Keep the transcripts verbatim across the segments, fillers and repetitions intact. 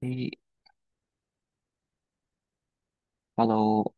诶，Hello，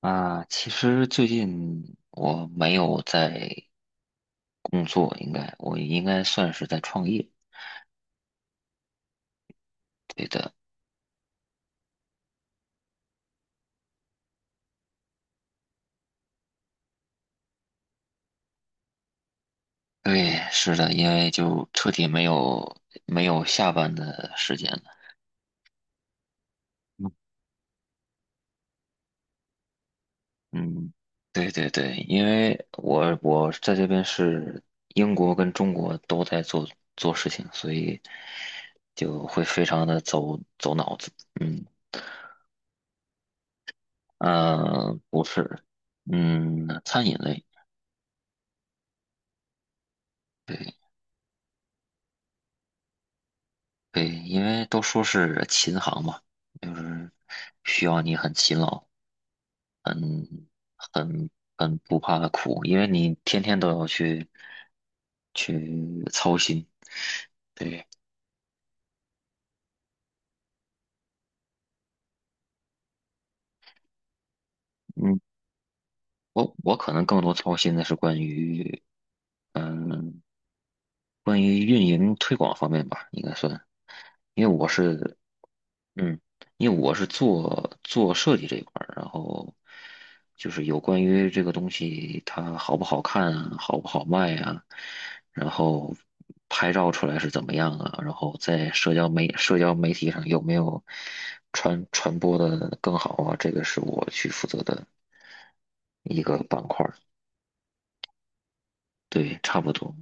啊，其实最近我没有在工作，应该我应该算是在创业。对的。对，是的，因为就彻底没有没有下班的时间了。嗯。嗯，对对对，因为我我在这边是英国跟中国都在做做事情，所以就会非常的走走脑子。嗯。呃，不是。嗯，餐饮类。对。对，因为都说是琴行嘛，就是需要你很勤劳，很很很不怕苦，因为你天天都要去去操心。对。嗯，我我可能更多操心的是关于嗯关于运营推广方面吧，应该算，因为我是。嗯，因为我是做做设计这一块儿，然后就是有关于这个东西它好不好看啊，好不好卖啊，然后拍照出来是怎么样啊，然后在社交媒社交媒体上有没有传传播的更好啊，这个是我去负责的一个板块儿。对，差不多。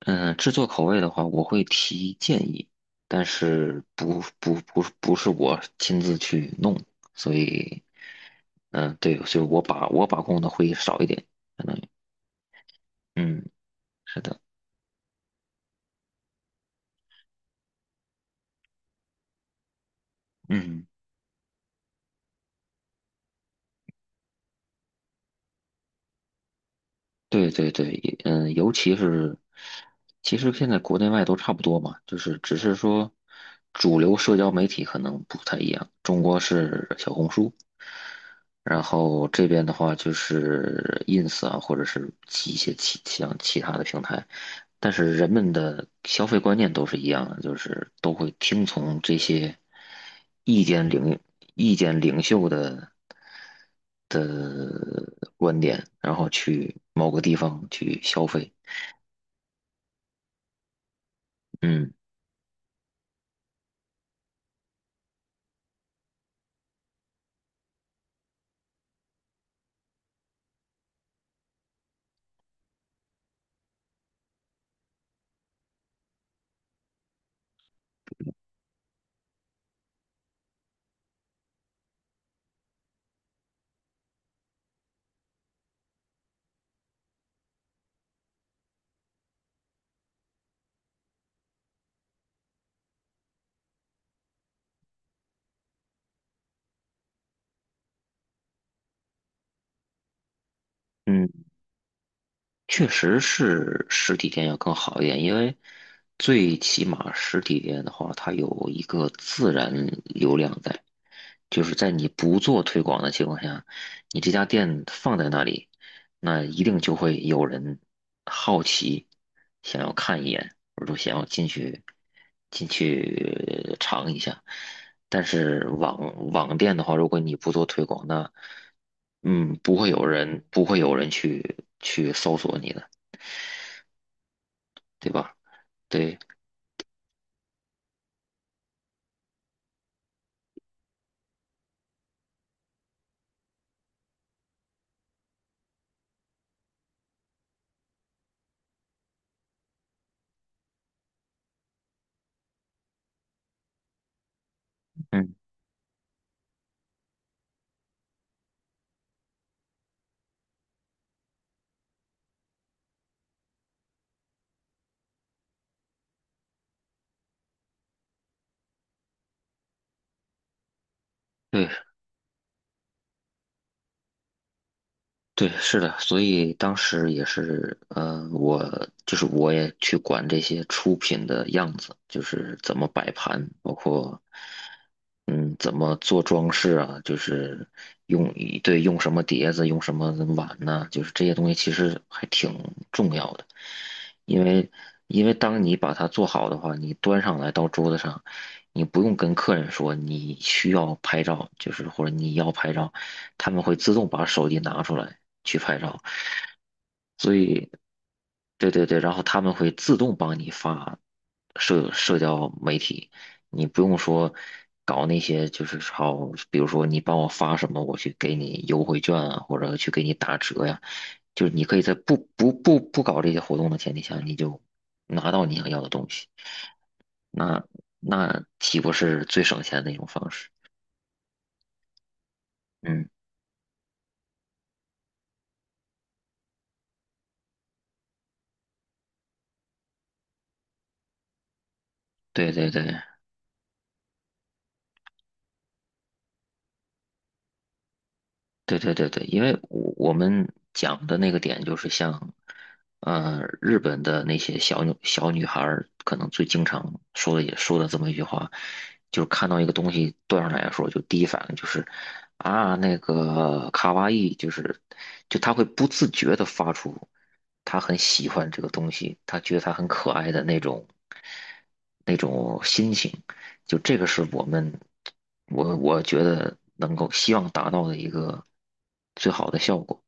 嗯，制作口味的话，我会提建议，但是不不不不是我亲自去弄，所以，嗯，对，所以我把我把控的会少一点，可能。嗯，是的。嗯，对对对，也。嗯，尤其是，其实现在国内外都差不多嘛，就是只是说，主流社交媒体可能不太一样，中国是小红书。然后这边的话就是 ins 啊，或者是其一些其像其他的平台，但是人们的消费观念都是一样的，就是都会听从这些意见领意见领袖的的观点，然后去某个地方去消费。嗯。嗯。确实是实体店要更好一点，因为最起码实体店的话，它有一个自然流量在，就是在你不做推广的情况下，你这家店放在那里，那一定就会有人好奇，想要看一眼，或者说想要进去进去尝一下。但是网网店的话，如果你不做推广，那。嗯，不会有人不会有人去去搜索你的，对吧？对。嗯，对对，是的。所以当时也是，呃，我就是我也去管这些出品的样子，就是怎么摆盘，包括嗯怎么做装饰啊，就是用一对用什么碟子，用什么碗呢？就是这些东西其实还挺重要的。因为因为当你把它做好的话，你端上来到桌子上，你不用跟客人说你需要拍照，就是或者你要拍照，他们会自动把手机拿出来去拍照。所以。对对对，然后他们会自动帮你发社社交媒体，你不用说搞那些，就是好，比如说你帮我发什么，我去给你优惠券啊，或者去给你打折呀，就是你可以在不不不不搞这些活动的前提下，你就拿到你想要的东西，那那岂不是最省钱的一种方式？嗯，对对对。对对对对，因为我我们讲的那个点就是像，呃，日本的那些小女小女孩儿，可能最经常说的也说的这么一句话，就是看到一个东西端上来的时候，就第一反应就是啊，那个卡哇伊，就是就她会不自觉的发出，她很喜欢这个东西，她觉得它很可爱的那种那种心情。就这个是我们，我我觉得能够希望达到的一个最好的效果。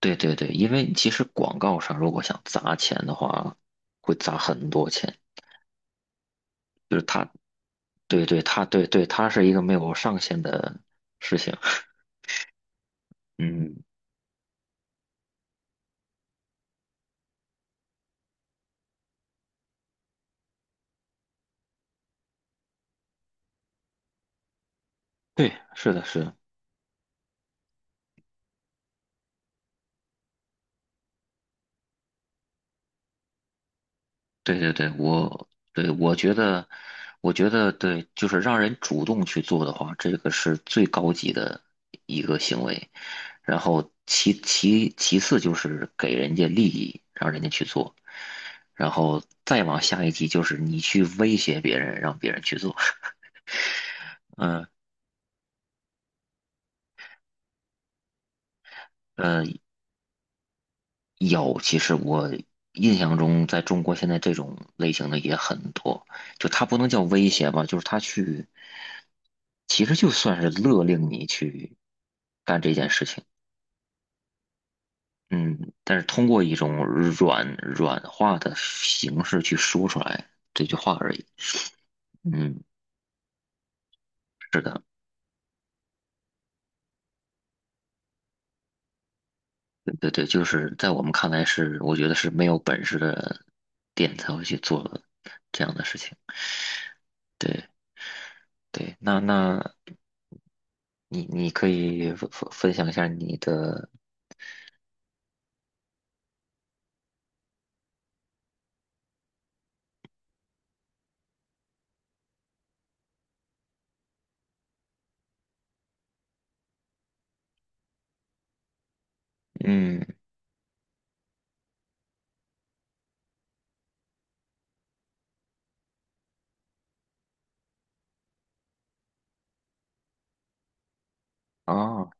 对对对，因为其实广告上如果想砸钱的话，会砸很多钱。对对，它对对，它是一个没有上限的事情。嗯，对，是的，是的。对对对，我对我觉得，我觉得对，就是让人主动去做的话，这个是最高级的一个行为。然后其其其次就是给人家利益，让人家去做。然后再往下一级就是你去威胁别人，让别人去做。嗯嗯。呃有，其实我印象中，在中国现在这种类型的也很多，就他不能叫威胁吧，就是他去，其实就算是勒令你去干这件事情。嗯，但是通过一种软软化的形式去说出来这句话而已。嗯，是的。对对对，就是在我们看来是，我觉得是没有本事的店才会去做这样的事情。对。对，那那你你可以分分分享一下你的。嗯，哦，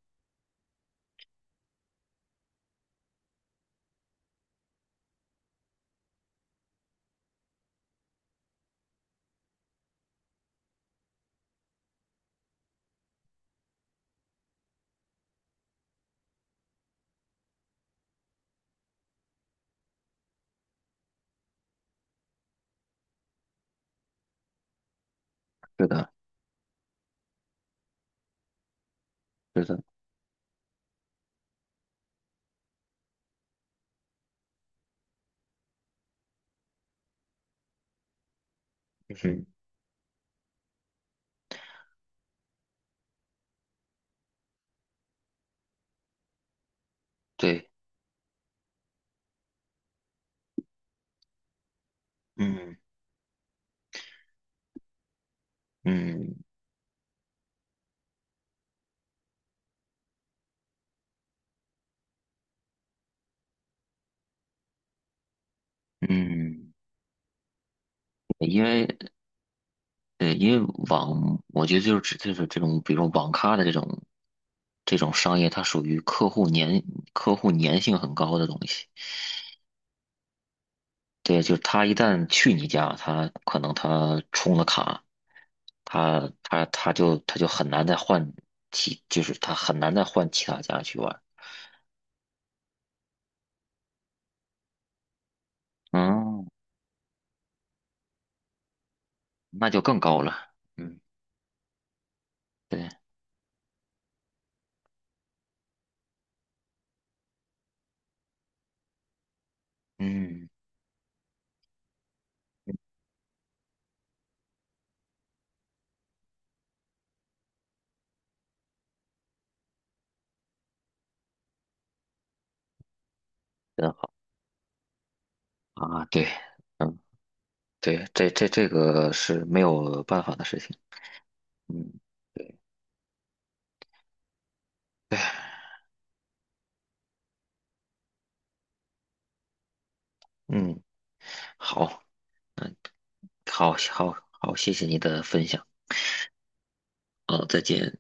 是的，是的。嗯，对。嗯嗯嗯，因为呃，因为网，我觉得就是指就是这种，比如网咖的这种这种商业，它属于客户粘客户粘性很高的东西。对，就是他一旦去你家，他可能他充了卡，他他他就他就很难再换其，就是他很难再换其他家去玩。嗯，那就更高了。嗯，对。嗯，真好啊。对。嗯，对，这这这个是没有办法的事情。嗯，对对。嗯，好，好，好，好，谢谢你的分享。嗯，再见。